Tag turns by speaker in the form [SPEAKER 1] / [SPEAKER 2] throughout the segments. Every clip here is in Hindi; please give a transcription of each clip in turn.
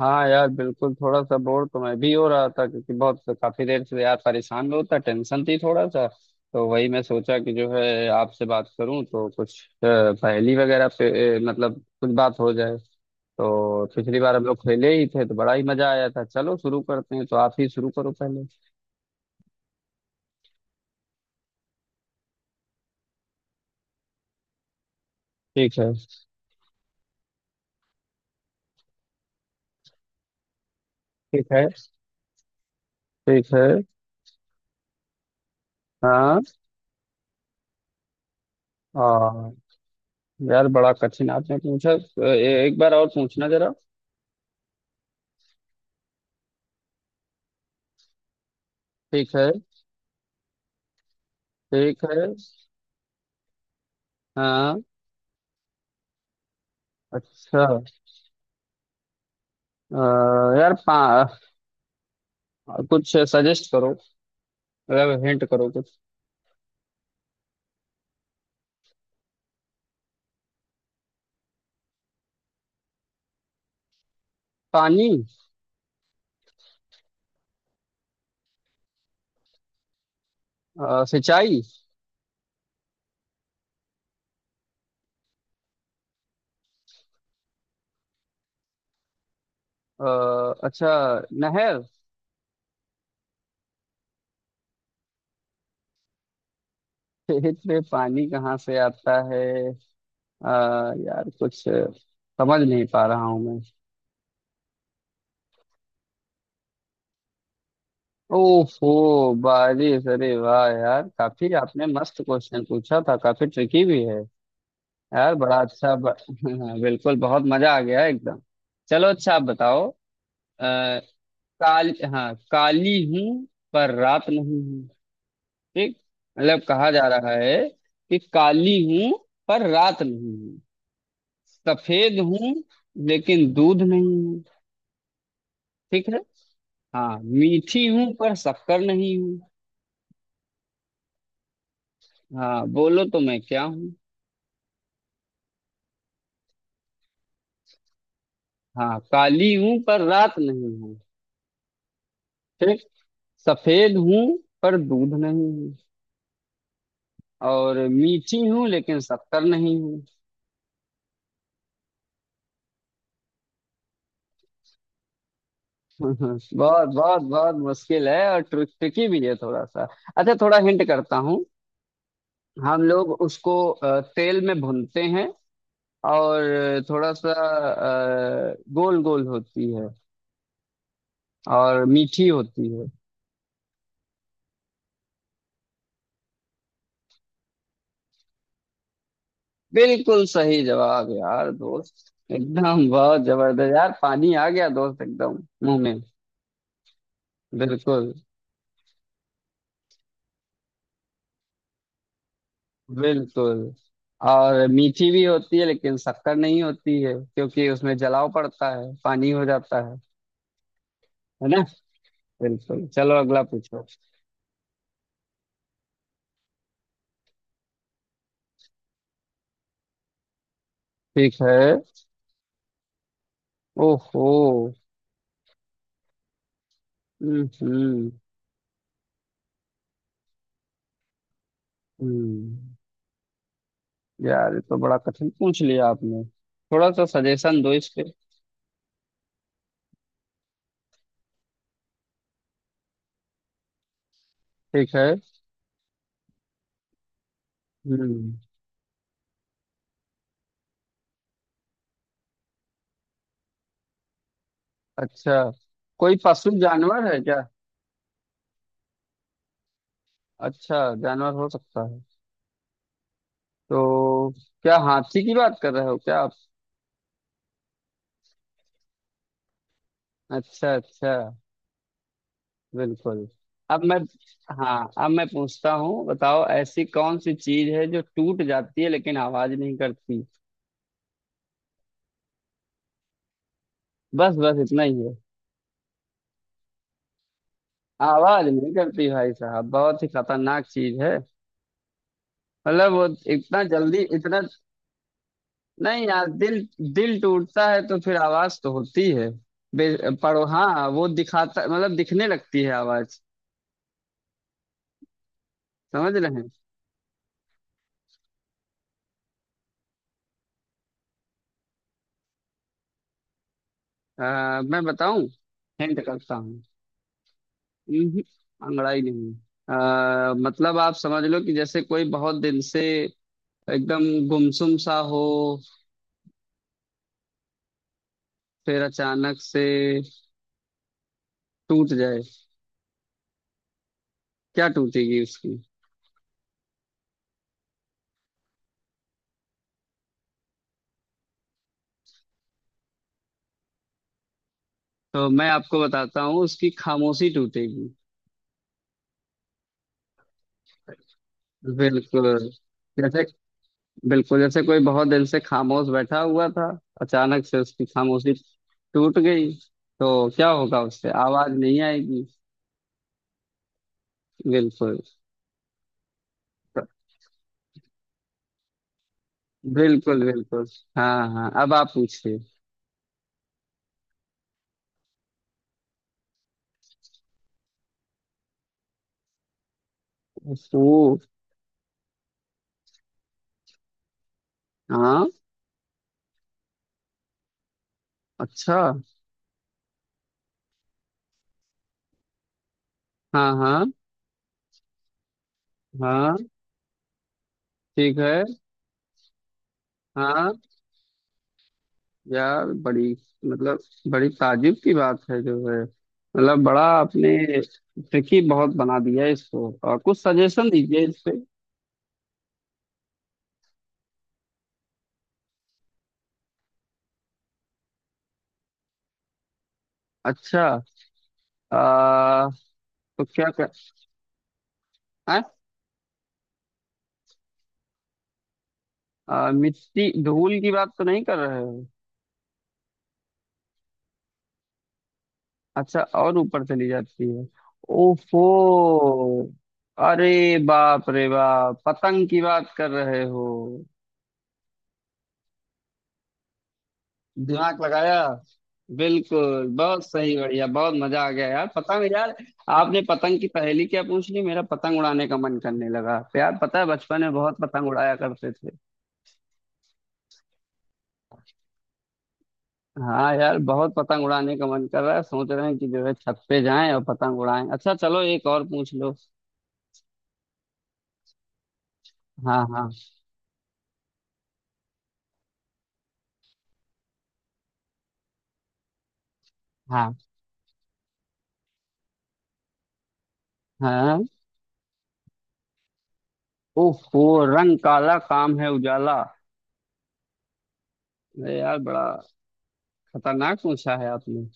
[SPEAKER 1] हाँ यार बिल्कुल थोड़ा सा बोर तो मैं भी हो रहा था, क्योंकि बहुत काफी देर से यार परेशान होता, टेंशन थी थोड़ा सा। तो वही मैं सोचा कि जो है आपसे बात करूं, तो कुछ पहेली वगैरह पे मतलब कुछ बात हो जाए। तो पिछली बार हम लोग खेले ही थे तो बड़ा ही मजा आया था। चलो शुरू करते हैं, तो आप ही शुरू करो पहले। ठीक है। ठीक है। ठीक है। हाँ। हाँ यार बड़ा कठिन आपने पूछा, एक बार और पूछना जरा। ठीक है। ठीक है। हाँ। अच्छा। अ, यार कुछ सजेस्ट करो, मतलब हिंट करो कुछ। पानी। सिंचाई। अ, अच्छा, नहर। खेत में पानी कहाँ से आता है? अ, यार कुछ समझ नहीं पा रहा हूँ मैं। ओहो बारिश! अरे वाह यार, काफी आपने मस्त क्वेश्चन पूछा था, काफी ट्रिकी भी है। यार बड़ा अच्छा बिल्कुल बहुत मजा आ गया एकदम। चलो अच्छा आप बताओ। काल हाँ, काली हूँ पर रात नहीं हूँ। ठीक। मतलब कहा जा रहा है कि काली हूँ पर रात नहीं हूँ। सफेद हूँ लेकिन दूध नहीं हूँ। ठीक है। हाँ मीठी हूँ पर शक्कर नहीं हूँ। हाँ बोलो तो मैं क्या हूँ? हाँ काली हूँ पर रात नहीं हूँ। ठीक। सफेद हूँ पर दूध नहीं हूँ। और मीठी हूँ लेकिन शक्कर नहीं हूँ। बहुत बहुत बहुत मुश्किल है और ट्रिकी भी है थोड़ा सा। अच्छा थोड़ा हिंट करता हूँ। हम लोग उसको तेल में भूनते हैं और थोड़ा सा गोल गोल होती है और मीठी होती है। बिल्कुल सही जवाब यार दोस्त, एकदम बहुत जबरदस्त यार, पानी आ गया दोस्त एकदम मुंह में। बिल्कुल बिल्कुल। और मीठी भी होती है लेकिन शक्कर नहीं होती है, क्योंकि उसमें जलाव पड़ता है, पानी हो जाता है। है ना? बिल्कुल, चलो अगला पूछो। ठीक है। ओहो। हम्म हम्म हम्म। यार ये तो बड़ा कठिन पूछ लिया आपने, थोड़ा सा सजेशन दो इस पे। ठीक है। हम्म। अच्छा, कोई पशु जानवर है क्या? अच्छा जानवर हो सकता है तो क्या हाथी की बात कर रहे हो क्या आप? अच्छा अच्छा। बिल्कुल। अब मैं, हाँ अब मैं पूछता हूँ। बताओ ऐसी कौन सी चीज है जो टूट जाती है लेकिन आवाज नहीं करती? बस बस इतना ही है। आवाज नहीं करती। भाई साहब बहुत ही खतरनाक चीज है, मतलब वो इतना जल्दी इतना। नहीं यार दिल, दिल टूटता है तो फिर आवाज तो होती है। पढ़ो हाँ, वो दिखाता मतलब दिखने लगती है आवाज। समझ रहे हैं? मैं बताऊं हिंट करता हूँ। हम्म, अंगड़ाई नहीं। मतलब आप समझ लो कि जैसे कोई बहुत दिन से एकदम गुमसुम सा हो, फिर अचानक से टूट जाए, क्या टूटेगी उसकी? तो मैं आपको बताता हूँ उसकी खामोशी टूटेगी। बिल्कुल जैसे, बिल्कुल जैसे कोई बहुत दिन से खामोश बैठा हुआ था, अचानक से उसकी खामोशी टूट गई, तो क्या होगा उससे? आवाज नहीं आएगी। बिल्कुल बिल्कुल बिल्कुल। हाँ हाँ अब आप पूछिए। ओ। हाँ। अच्छा। हाँ हाँ हाँ। ठीक है। हाँ। यार बड़ी, मतलब बड़ी ताजुब की बात है जो है, मतलब बड़ा आपने ट्रिकी बहुत बना दिया है इसको। और कुछ सजेशन दीजिए इस पे। अच्छा। आ, तो क्या कर हैं? मिट्टी धूल की बात तो नहीं कर रहे हो? अच्छा और ऊपर चली जाती है। ओफो। अरे बाप रे बाप, पतंग की बात कर रहे हो? दिमाग लगाया। बिल्कुल बहुत सही, बढ़िया बहुत मजा आ गया यार, पतंग यार! आपने पतंग की पहेली क्या पूछ ली, मेरा पतंग उड़ाने का मन करने लगा। तो यार पता है बचपन में बहुत पतंग उड़ाया करते थे। हाँ यार बहुत पतंग उड़ाने का मन कर रहा है, सोच रहे हैं कि जो है छत पे जाएं और पतंग उड़ाएं। अच्छा चलो एक और पूछ लो। हाँ हाँ। हाँ हाँ। ओहो। रंग काला काम है उजाला। अरे यार बड़ा खतरनाक पूछा है आपने।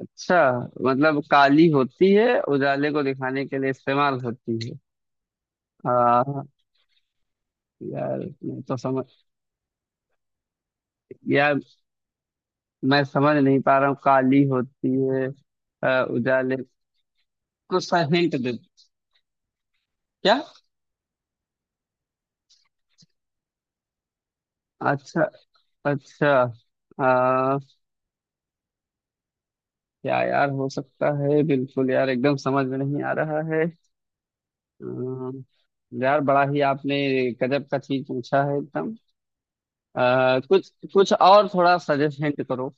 [SPEAKER 1] अच्छा, मतलब काली होती है उजाले को दिखाने के लिए इस्तेमाल होती है। आ, यार मैं तो समझ यार मैं समझ नहीं पा रहा हूँ, काली होती है उजाले। कुछ सा हिंट दे क्या? अच्छा। अच्छा। आ, क्या यार हो सकता है, बिल्कुल यार एकदम समझ में नहीं आ रहा है। अम, यार बड़ा ही आपने गजब का चीज पूछा है एकदम। कुछ कुछ और थोड़ा सजेस्ट हिंट करो।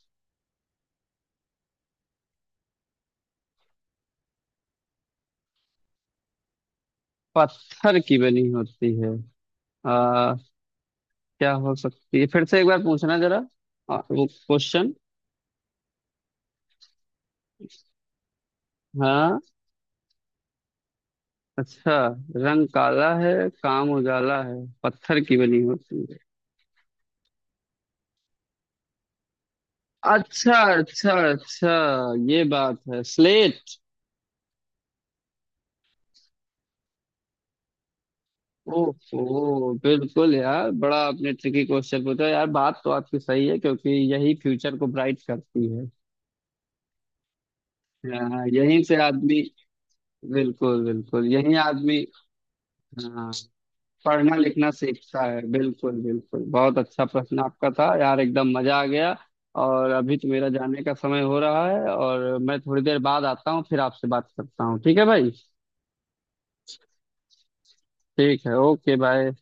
[SPEAKER 1] पत्थर की बनी होती है। आ, क्या हो सकती है? फिर से एक बार पूछना जरा, वो क्वेश्चन। हाँ। अच्छा। रंग काला है, काम उजाला है, पत्थर की बनी होती है। अच्छा अच्छा अच्छा, ये बात है, स्लेट। ओहो बिल्कुल! यार बड़ा आपने ट्रिकी क्वेश्चन पूछा, यार बात तो आपकी सही है क्योंकि यही फ्यूचर को ब्राइट करती है। हाँ, यहीं से आदमी, बिल्कुल बिल्कुल यही आदमी, हाँ, पढ़ना लिखना सीखता है। बिल्कुल बिल्कुल, बहुत अच्छा प्रश्न आपका था यार, एकदम मजा आ गया। और अभी तो मेरा जाने का समय हो रहा है, और मैं थोड़ी देर बाद आता हूँ, फिर आपसे बात करता हूँ, ठीक है भाई। ठीक है, ओके बाय।